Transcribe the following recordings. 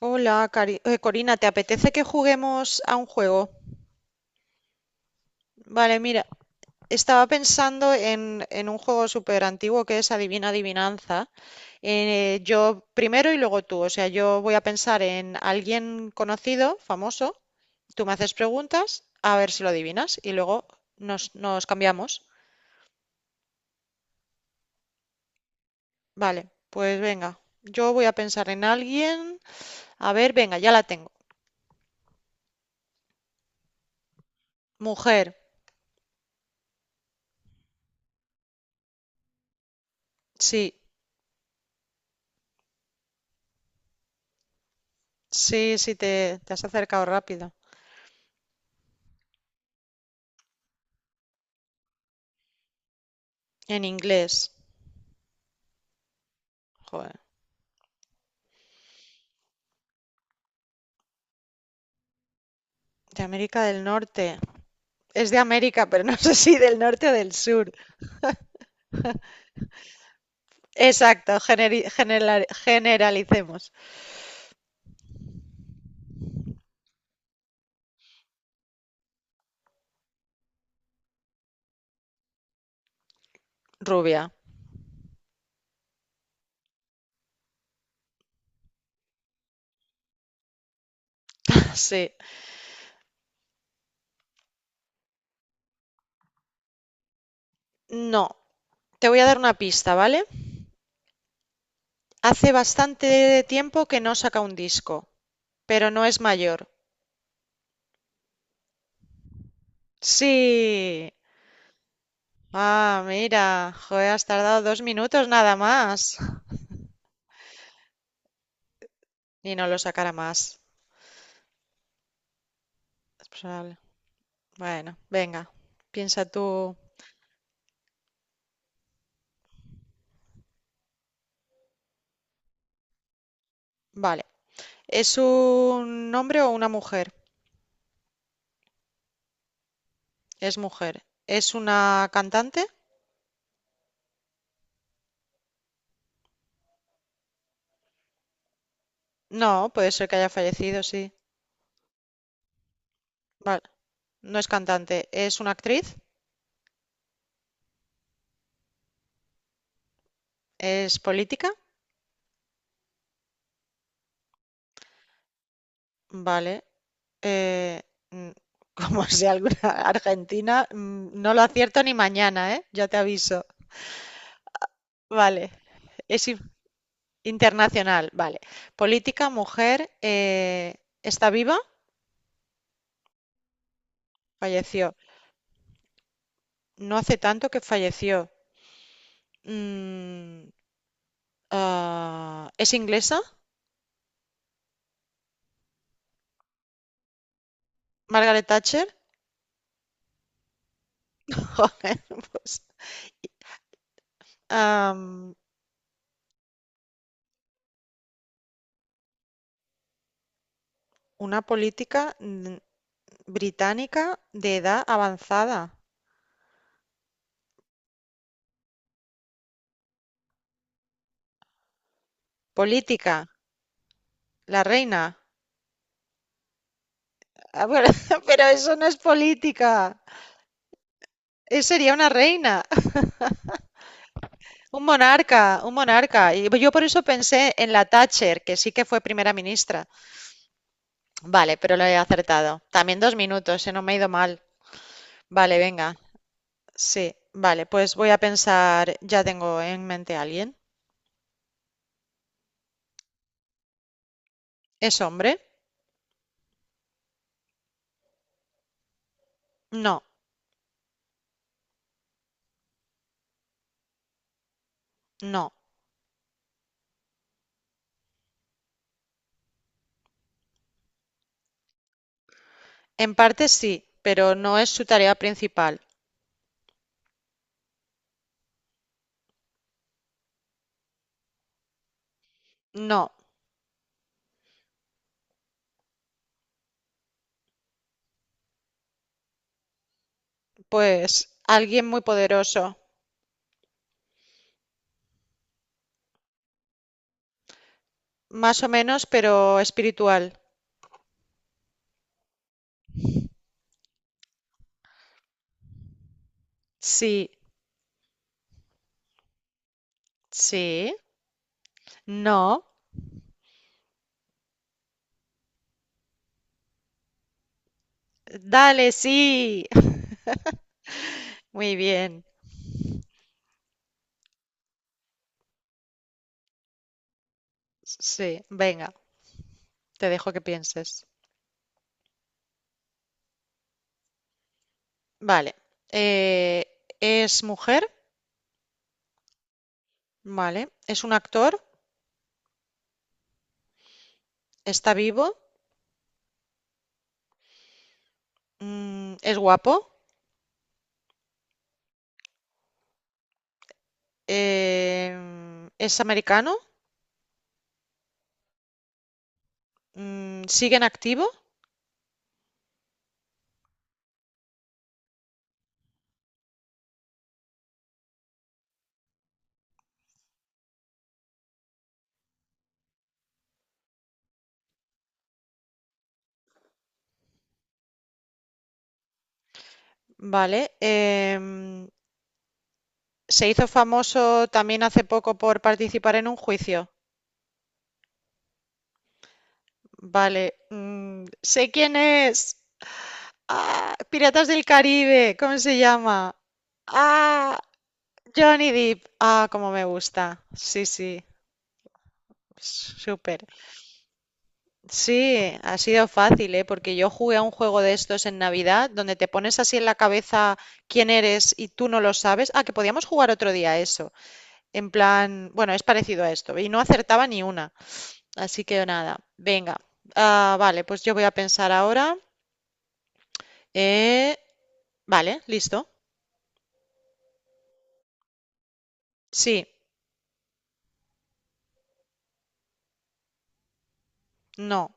Hola, Corina, ¿te apetece que juguemos a un juego? Vale, mira, estaba pensando en un juego súper antiguo que es Adivina Adivinanza. Yo primero y luego tú, o sea, yo voy a pensar en alguien conocido, famoso, tú me haces preguntas, a ver si lo adivinas y luego nos cambiamos. Vale, pues venga, yo voy a pensar en alguien, a ver, venga, ya la tengo. Mujer, sí, sí, sí, te has acercado rápido. En inglés. Joder. De América del Norte. Es de América, pero no sé si del norte o del sur. Exacto, generalicemos. Rubia. Sí. No. Te voy a dar una pista, ¿vale? Hace bastante tiempo que no saca un disco, pero no es mayor. Sí. Ah, mira. Joder, has tardado dos minutos nada más. Y no lo sacará más. Es probable. Bueno, venga. Piensa tú. Vale. ¿Es un hombre o una mujer? Es mujer. ¿Es una cantante? No, puede ser que haya fallecido, sí. Vale. No es cantante. ¿Es una actriz? ¿Es política? Vale. Eh, mm, como sea alguna argentina, no lo acierto ni mañana, ¿eh? Ya te aviso. Vale. Es in- internacional. Vale. Política, mujer. ¿Está viva? Falleció. No hace tanto que falleció. Mm, ¿Es inglesa? Margaret Thatcher. Joder, pues, am, una británica de edad avanzada. Política, la reina. Ah, pero, pero eso no es política. Eso sería una reina, un monarca, un monarca. Y yo por eso pensé en la Thatcher, que sí que fue primera ministra. Vale, pero lo he acertado. También dos minutos, se No me ha ido mal. Vale, venga. Sí, vale, pues voy a pensar, ya tengo en mente a alguien. ¿Es hombre? No, no. En parte sí, pero no es su tarea principal. No, pues alguien muy poderoso. Más o menos, pero espiritual. Sí, sí, no. Dale, sí. Muy bien. Sí, venga, te dejo que pienses. Vale. eh, ¿es mujer? Vale. ¿Es un actor? ¿Está vivo? Mm, ¿es guapo? ¿Es americano? Mm, ¿sigue en activo? Vale. Se hizo famoso también hace poco por participar en un juicio. Vale. Mm, sé quién es. Ah, Piratas del Caribe. ¿Cómo se llama? Ah, Johnny Depp. Ah, cómo me gusta. Sí, sí. Súper. Sí, ha sido fácil, ¿eh? Porque yo jugué a un juego de estos en Navidad, donde te pones así en la cabeza quién eres y tú no lo sabes. Ah, que podíamos jugar otro día a eso. En plan, bueno, es parecido a esto. Y no acertaba ni una. Así que nada, venga. Ah, vale, pues yo voy a pensar ahora. Eh, vale, listo. Sí, no,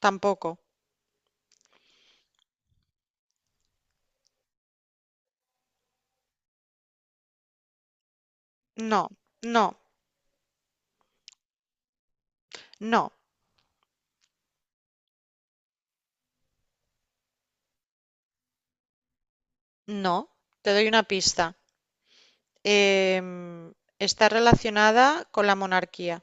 tampoco. No, no, no, no. Te doy una pista. Em, está relacionada con la monarquía.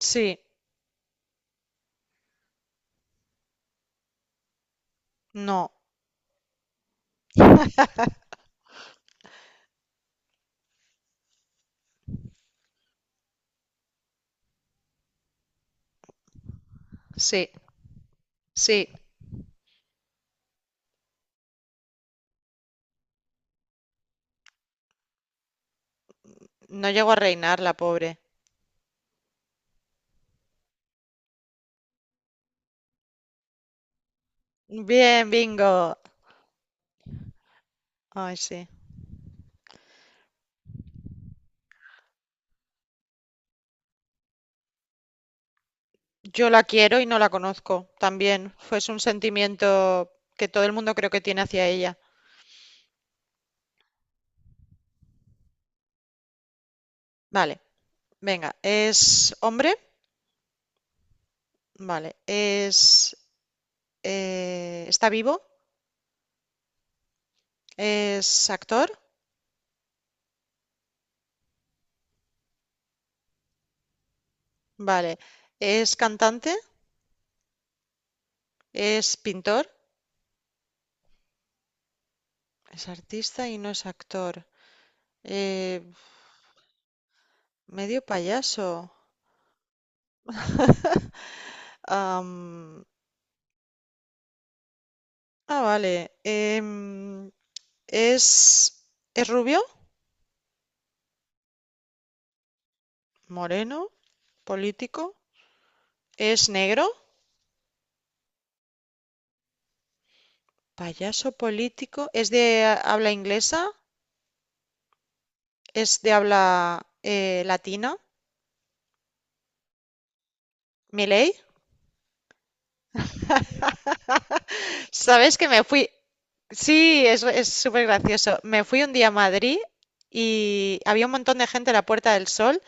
Sí, no, sí, sí. No llegó a reinar la pobre. Bien, bingo. Ay, sí. Yo la quiero y no la conozco. También fue un sentimiento que todo el mundo creo que tiene hacia ella. Vale. Venga, ¿es hombre? Vale. ¿Es, está vivo? ¿Es actor? Vale. ¿Es cantante? ¿Es pintor? Es artista y no es actor. Eh, medio payaso. Am, vale. ¿Es, ¿es rubio? ¿Moreno? ¿Político? ¿Es negro? ¿Payaso político? ¿Es de habla inglesa? ¿Es de habla latina? ¿Miley? ¿Sabes que me fui? Sí, es súper gracioso. Me fui un día a Madrid y había un montón de gente en la Puerta del Sol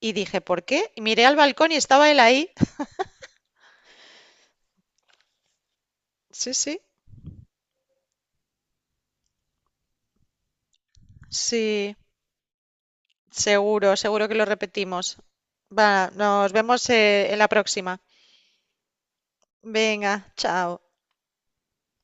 y dije, ¿por qué? Y miré al balcón y estaba él ahí. Sí, sí, sí, seguro, seguro que lo repetimos. Va, nos vemos en la próxima. Venga, chao.